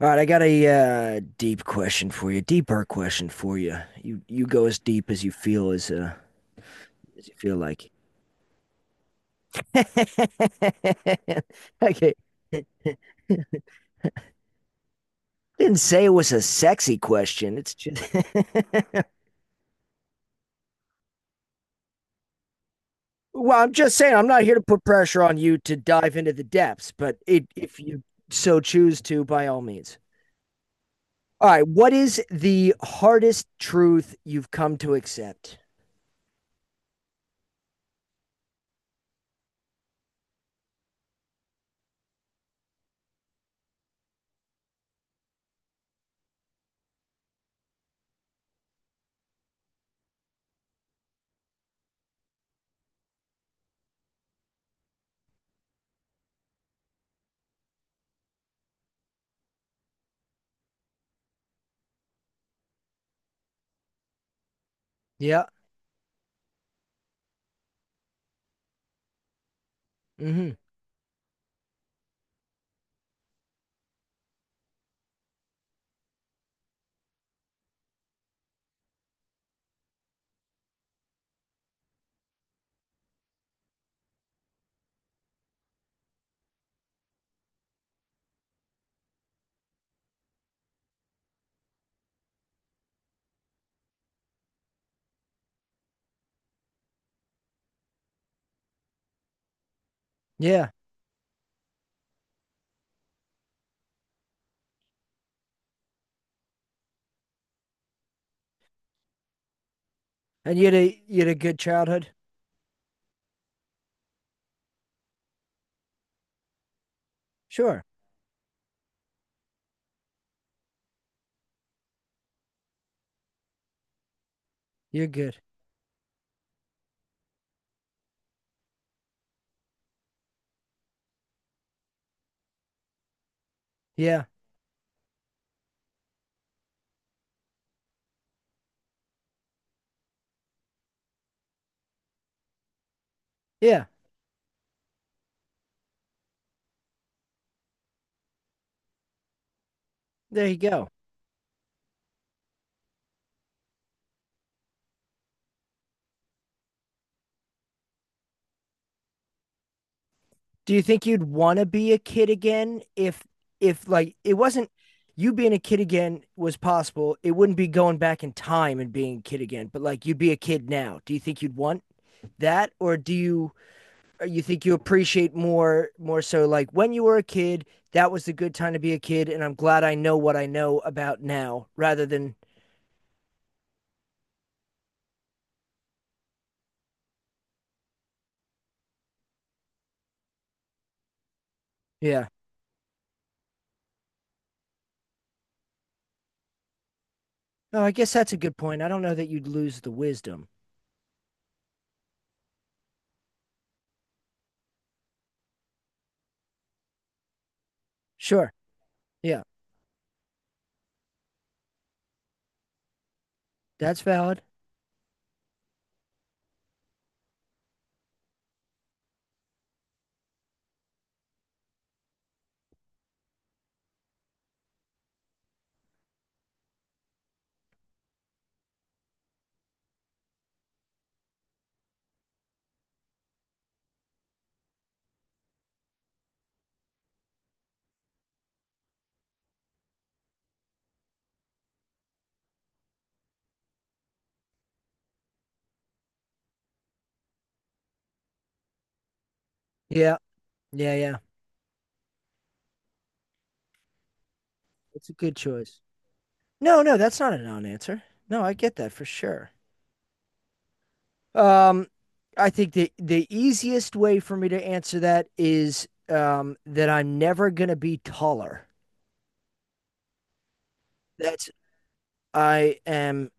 All right, I got a deep question for you, deeper question for you. You go as deep as you feel like. Okay, didn't say it was a sexy question. It's just well, I'm just saying I'm not here to put pressure on you to dive into the depths, but it if you so choose to, by all means. All right, what is the hardest truth you've come to accept? Yeah. Hmm. Yeah. And you had a good childhood? Sure. You're good. Yeah. Yeah. There you go. Do you think you'd want to be a kid again if like it wasn't you being a kid again was possible? It wouldn't be going back in time and being a kid again, but like you'd be a kid now. Do you think you'd want that, or do you or you think you appreciate more so like when you were a kid, that was the good time to be a kid and I'm glad I know what I know about now rather than yeah. Oh, I guess that's a good point. I don't know that you'd lose the wisdom. Sure. Yeah. That's valid. Yeah. Yeah, yeah. It's a good choice. No, no, that's not a non-answer. No, I get that for sure. Um, I think the easiest way for me to answer that is that I'm never gonna be taller. That's I am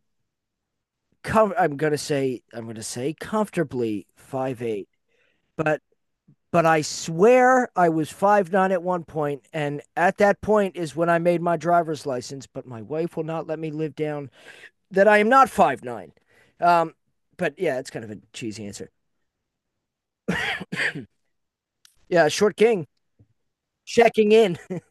com I'm gonna say comfortably 5'8". But but I swear I was 5'9" at one point, and at that point is when I made my driver's license, but my wife will not let me live down that I am not 5'9". Um, but yeah, it's kind of a cheesy answer. Yeah, short king checking in.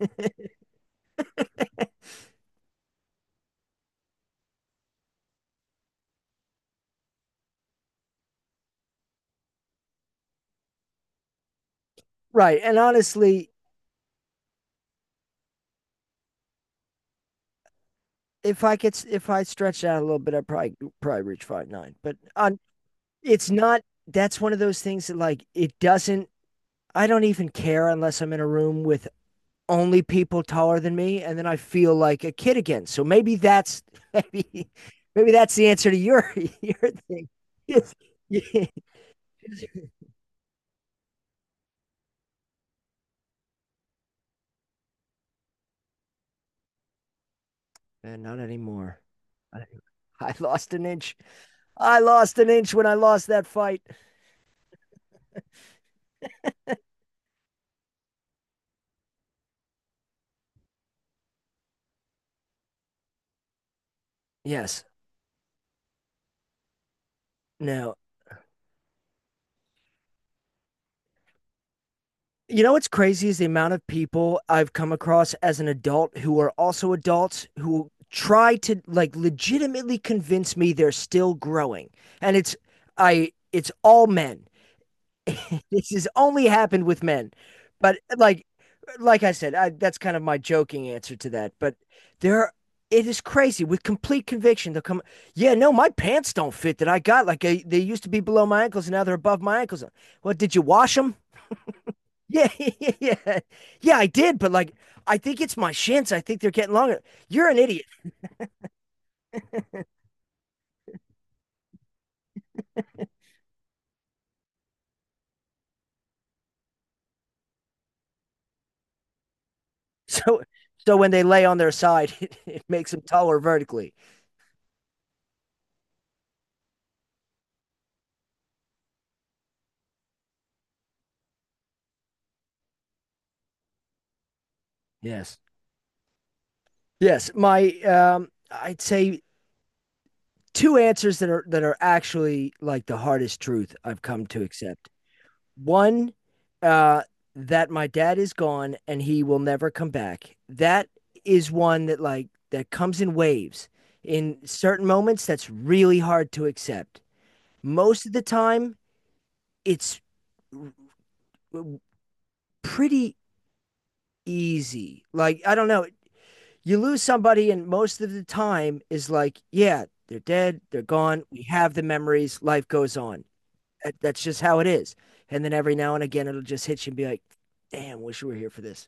Right. And honestly, if I could, if I stretched out a little bit, I'd probably reach 5'9". But on, it's not. That's one of those things that like it doesn't. I don't even care unless I'm in a room with only people taller than me, and then I feel like a kid again. So maybe that's maybe maybe that's the answer to your thing. Yeah. And not anymore. I I lost an inch. I lost an inch when I lost that fight. Yes. Now you know what's crazy is the amount of people I've come across as an adult who are also adults who try to like legitimately convince me they're still growing. And it's I it's all men. This has only happened with men. But like I said, I, that's kind of my joking answer to that. But there, are, it is crazy with complete conviction. They'll come, yeah, no, my pants don't fit that I got. Like I, they used to be below my ankles, and now they're above my ankles. Well, did you wash them? Yeah, yeah, yeah, yeah. Yeah, I did, but like, I think it's my shins. I think they're getting longer. You're an idiot. So, so when they lay on their side, it makes them taller vertically. Yes, yes. My, I'd say two answers that are actually like the hardest truth I've come to accept. One, uh, that my dad is gone and he will never come back. That is one that like that comes in waves. In certain moments, that's really hard to accept. Most of the time, it's pretty easy. Like I don't know, you lose somebody, and most of the time is like, yeah, they're dead, they're gone. We have the memories. Life goes on, that's just how it is. And then every now and again, it'll just hit you and be like, "Damn, wish we were here for this."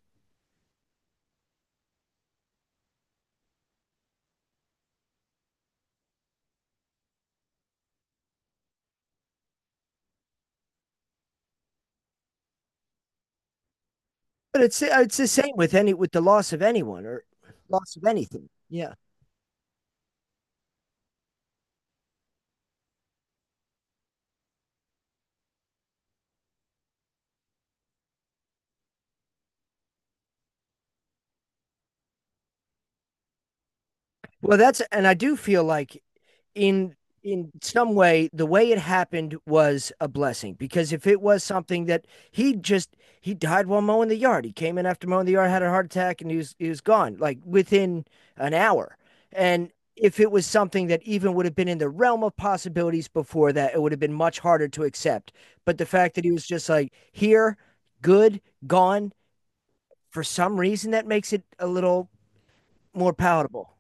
But it's the same with any with the loss of anyone or loss of anything. Yeah. Well, that's and I do feel like in in some way the way it happened was a blessing, because if it was something that he just he died while mowing the yard. He came in after mowing the yard, had a heart attack, and he was gone like within an hour. And if it was something that even would have been in the realm of possibilities before that, it would have been much harder to accept. But the fact that he was just like here, good, gone, for some reason that makes it a little more palatable.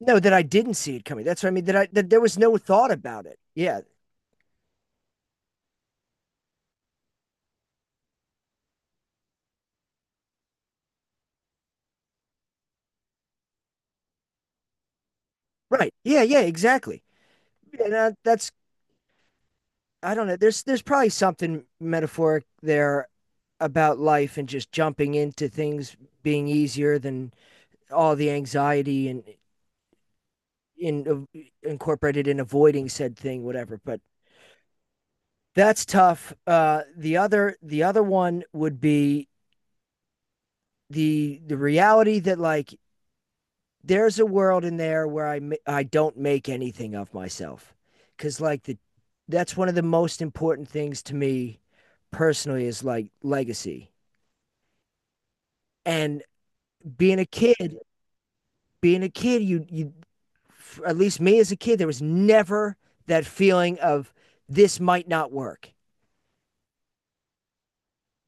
No, that I didn't see it coming. That's what I mean. That I that there was no thought about it. Yeah. Right. Yeah. Yeah. Exactly. And that's I don't know. There's probably something metaphoric there about life and just jumping into things being easier than all the anxiety and in incorporated in avoiding said thing, whatever. But that's tough. The other one would be the reality that like there's a world in there where I don't make anything of myself, cuz like the that's one of the most important things to me personally is like legacy. And being a kid, being a kid you at least me as a kid there was never that feeling of this might not work.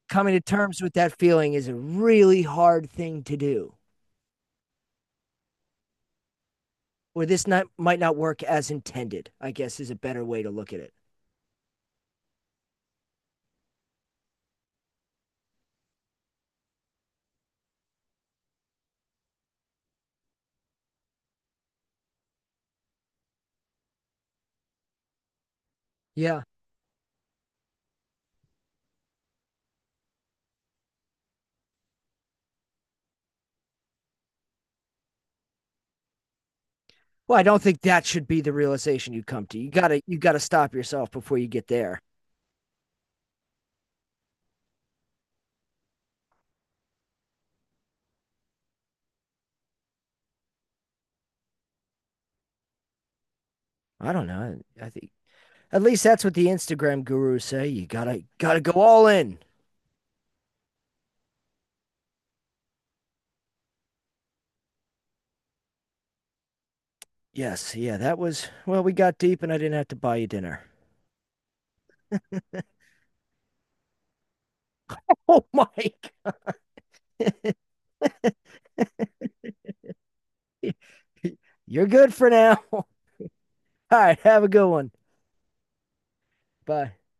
Coming to terms with that feeling is a really hard thing to do. Or this not, might not work as intended, I guess, is a better way to look at it. Yeah. Well, I don't think that should be the realization you come to. You gotta stop yourself before you get there. I don't know. I think at least that's what the Instagram gurus say. You gotta go all in. Yes, yeah, that was well, we got deep and I didn't have to buy you dinner. Oh my God. You're good for now. All right, have a good one. Bye.